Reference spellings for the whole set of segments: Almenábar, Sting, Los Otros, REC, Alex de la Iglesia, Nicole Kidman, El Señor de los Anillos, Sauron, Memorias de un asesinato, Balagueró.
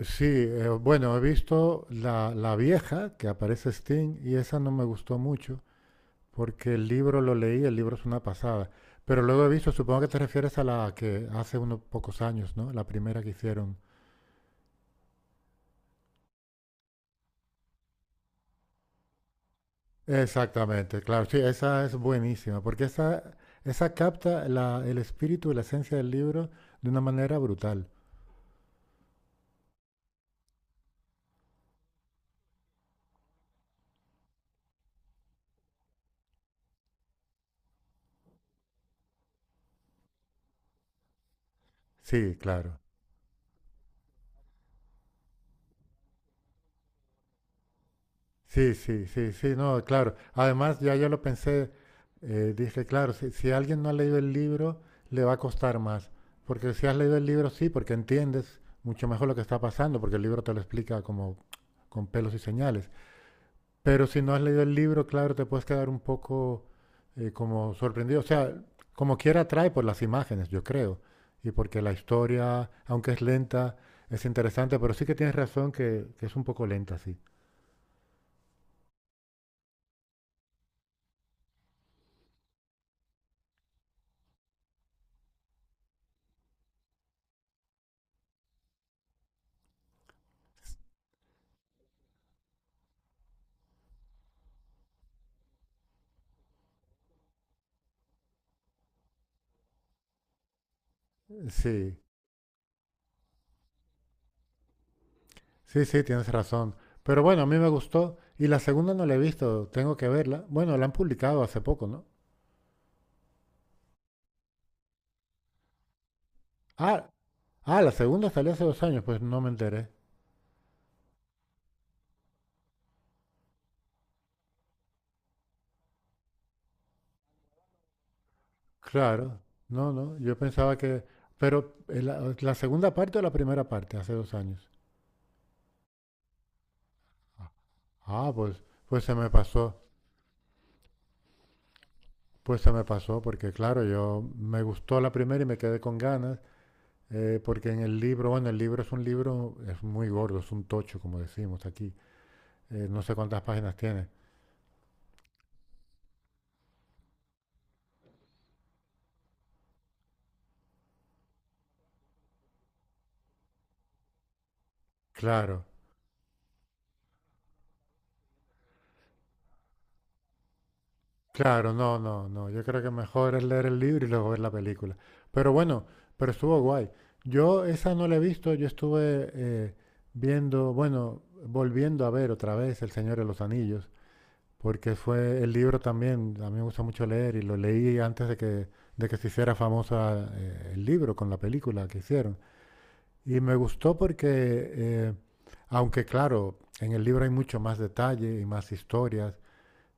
Sí, bueno, he visto la vieja que aparece Sting y esa no me gustó mucho porque el libro lo leí, el libro es una pasada. Pero luego he visto, supongo que te refieres a la que hace unos pocos años, ¿no? La primera que hicieron. Exactamente, claro, sí, esa es buenísima porque esa capta el espíritu y la esencia del libro de una manera brutal. Sí, claro. Sí, sí, sí, sí, no, claro. Además, ya yo lo pensé, dije, claro, si alguien no ha leído el libro, le va a costar más. Porque si has leído el libro, sí, porque entiendes mucho mejor lo que está pasando, porque el libro te lo explica como con pelos y señales. Pero si no has leído el libro, claro, te puedes quedar un poco como sorprendido. O sea, como quiera atrae por las imágenes, yo creo. Y porque la historia, aunque es lenta, es interesante, pero sí que tienes razón que es un poco lenta, sí. Sí. Sí, sí, tienes razón. Pero bueno, a mí me gustó. Y la segunda no la he visto, tengo que verla. Bueno, la han publicado hace poco, ¿no? Ah, ah, la segunda salió hace dos años, pues no me enteré. Claro, no, no, yo pensaba que... Pero la segunda parte o la primera parte, hace dos años. Ah, pues, pues se me pasó, pues se me pasó, porque claro, yo me gustó la primera y me quedé con ganas, porque en el libro, bueno, el libro es un libro, es muy gordo, es un tocho, como decimos aquí, no sé cuántas páginas tiene. Claro, claro, no, no, no. Yo creo que mejor es leer el libro y luego ver la película. Pero bueno, pero estuvo guay. Yo esa no la he visto, yo estuve viendo, bueno, volviendo a ver otra vez El Señor de los Anillos, porque fue el libro también, a mí me gusta mucho leer y lo leí antes de de que se hiciera famosa el libro con la película que hicieron. Y me gustó porque, aunque claro, en el libro hay mucho más detalle y más historias,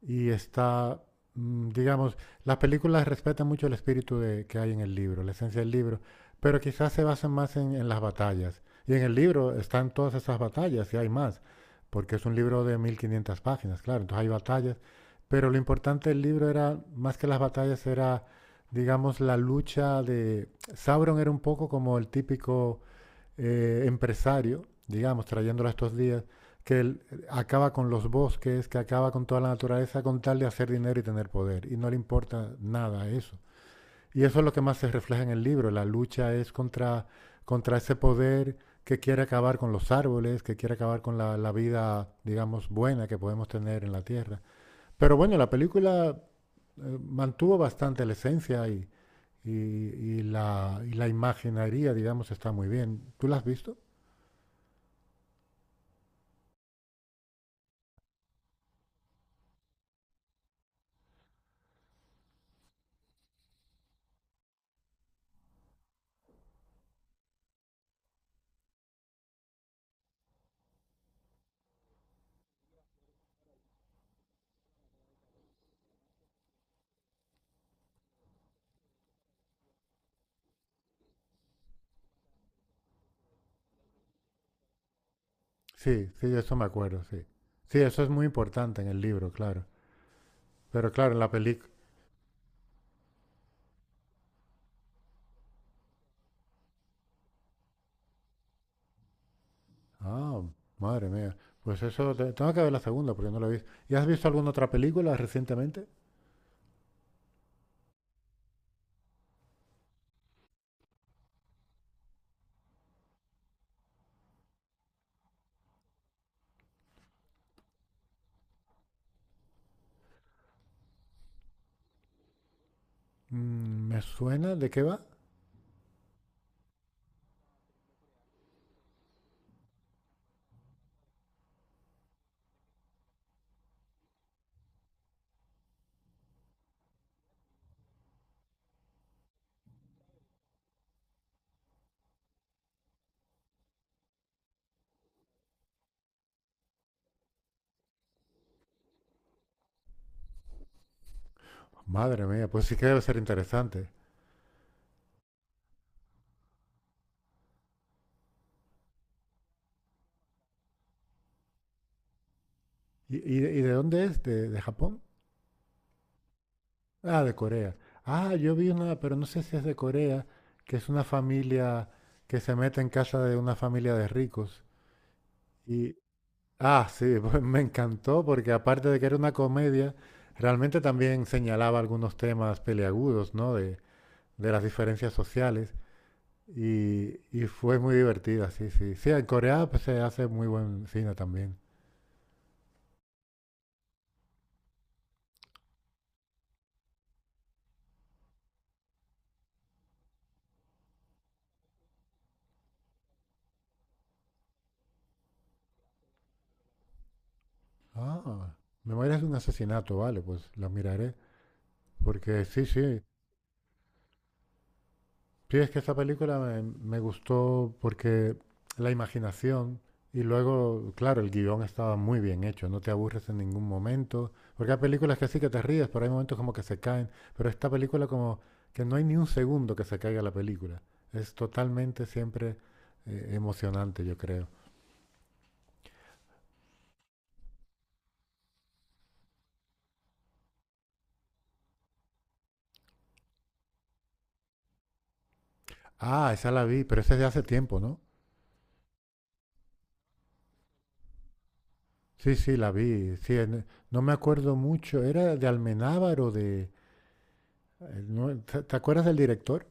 y está, digamos, las películas respetan mucho el espíritu que hay en el libro, la esencia del libro, pero quizás se basan más en las batallas. Y en el libro están todas esas batallas y hay más, porque es un libro de 1500 páginas, claro, entonces hay batallas, pero lo importante del libro era, más que las batallas, era, digamos, la lucha de... Sauron era un poco como el típico empresario, digamos, trayéndolo a estos días, que él acaba con los bosques, que acaba con toda la naturaleza con tal de hacer dinero y tener poder. Y no le importa nada eso. Y eso es lo que más se refleja en el libro. La lucha es contra, contra ese poder que quiere acabar con los árboles, que quiere acabar con la vida, digamos, buena que podemos tener en la Tierra. Pero bueno, la película mantuvo bastante la esencia y, y la imaginería, digamos, está muy bien. ¿Tú la has visto? Sí, sí, de eso me acuerdo, sí. Sí, eso es muy importante en el libro, claro. Pero claro, en la película... Ah, madre mía. Pues eso, tengo que ver la segunda porque no la he visto. ¿Y has visto alguna otra película recientemente? Mm, ¿me suena? ¿De qué va? Madre mía, pues sí que debe ser interesante. ¿Y, y de dónde es? De Japón? Ah, de Corea. Ah, yo vi una, pero no sé si es de Corea, que es una familia que se mete en casa de una familia de ricos. Y, ah, sí, pues me encantó porque aparte de que era una comedia, realmente también señalaba algunos temas peliagudos, ¿no? De las diferencias sociales y fue muy divertida, sí, sí. Sí, en Corea pues, se hace muy buen cine también. Ah, Memorias de un asesinato, vale, pues la miraré. Porque sí, sí. Sí, es que esa película me gustó porque la imaginación y luego, claro, el guión estaba muy bien hecho, no te aburres en ningún momento, porque hay películas que sí que te ríes, pero hay momentos como que se caen, pero esta película como que no hay ni un segundo que se caiga la película, es totalmente siempre emocionante, yo creo. Ah, esa la vi, pero esa es de hace tiempo, ¿no? Sí, sí, la vi, sí, no me acuerdo mucho, era de Almenábar o de... no, ¿Te acuerdas del director?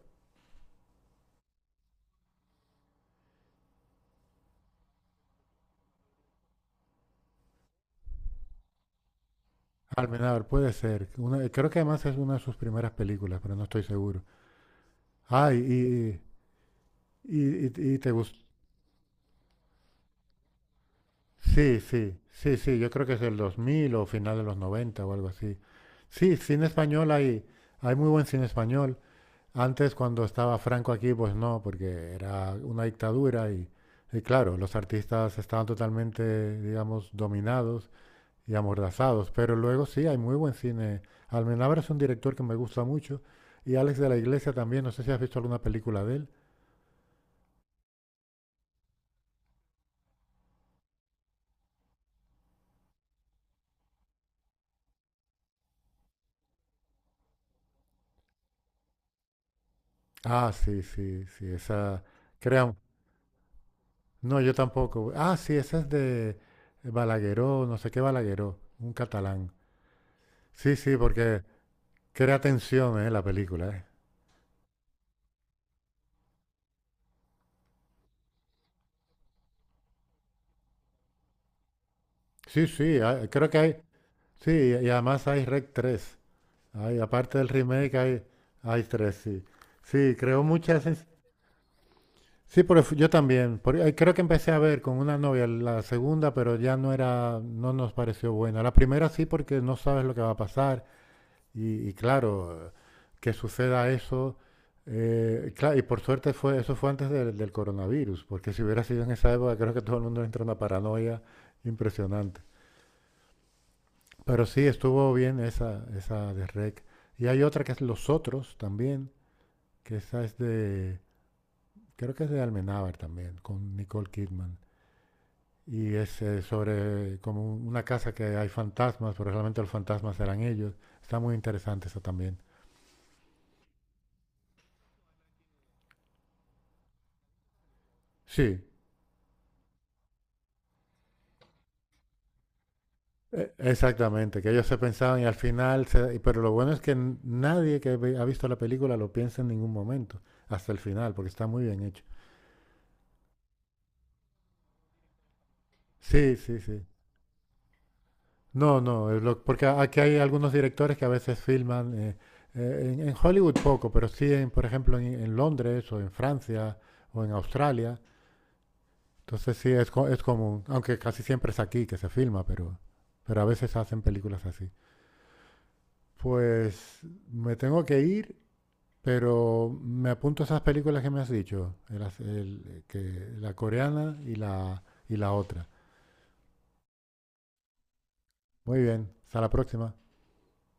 Almenábar, puede ser. Una- creo que además es una de sus primeras películas, pero no estoy seguro. Ay, te gustó. Sí, sí, sí, sí, yo creo que es el 2000 o final de los 90 o algo así. Sí, cine español hay, hay muy buen cine español. Antes, cuando estaba Franco aquí, pues no, porque era una dictadura y claro, los artistas estaban totalmente, digamos, dominados y amordazados. Pero luego sí, hay muy buen cine. Almenabra es un director que me gusta mucho. Y Alex de la Iglesia también, no sé si has visto alguna película de él. Ah, sí, sí, sí, esa... Crean, no, yo tampoco. Ah, sí, esa es de Balagueró, no sé qué Balagueró, un catalán. Sí, sí, porque crea tensión, la película, eh. Sí, sí, creo que hay... Sí, y además hay Rec 3. Hay, aparte del remake hay, hay 3 sí. Sí, creó muchas. Sí, pero yo también. Creo que empecé a ver con una novia la segunda, pero ya no era, no nos pareció buena. La primera sí, porque no sabes lo que va a pasar y claro, que suceda eso. Y por suerte fue, eso fue antes del coronavirus, porque si hubiera sido en esa época, creo que todo el mundo entra en una paranoia impresionante. Pero sí, estuvo bien esa, esa de REC. Y hay otra que es Los Otros también, que esa es de, creo que es de Almenábar también, con Nicole Kidman. Y es sobre como una casa que hay fantasmas, pero realmente los fantasmas eran ellos. Está muy interesante eso también. Sí, exactamente, que ellos se pensaban y al final, pero lo bueno es que nadie que ha visto la película lo piensa en ningún momento, hasta el final, porque está muy bien hecho. Sí, sí, sí. No, no, porque aquí hay algunos directores que a veces filman, en Hollywood poco, pero sí, en, por ejemplo, en Londres o en Francia o en Australia. Sí, es común, aunque casi siempre es aquí que se filma, pero a veces hacen películas así. Pues me tengo que ir, pero me apunto esas películas que me has dicho, el as- el- que, la coreana y y la otra. Muy bien, hasta la próxima.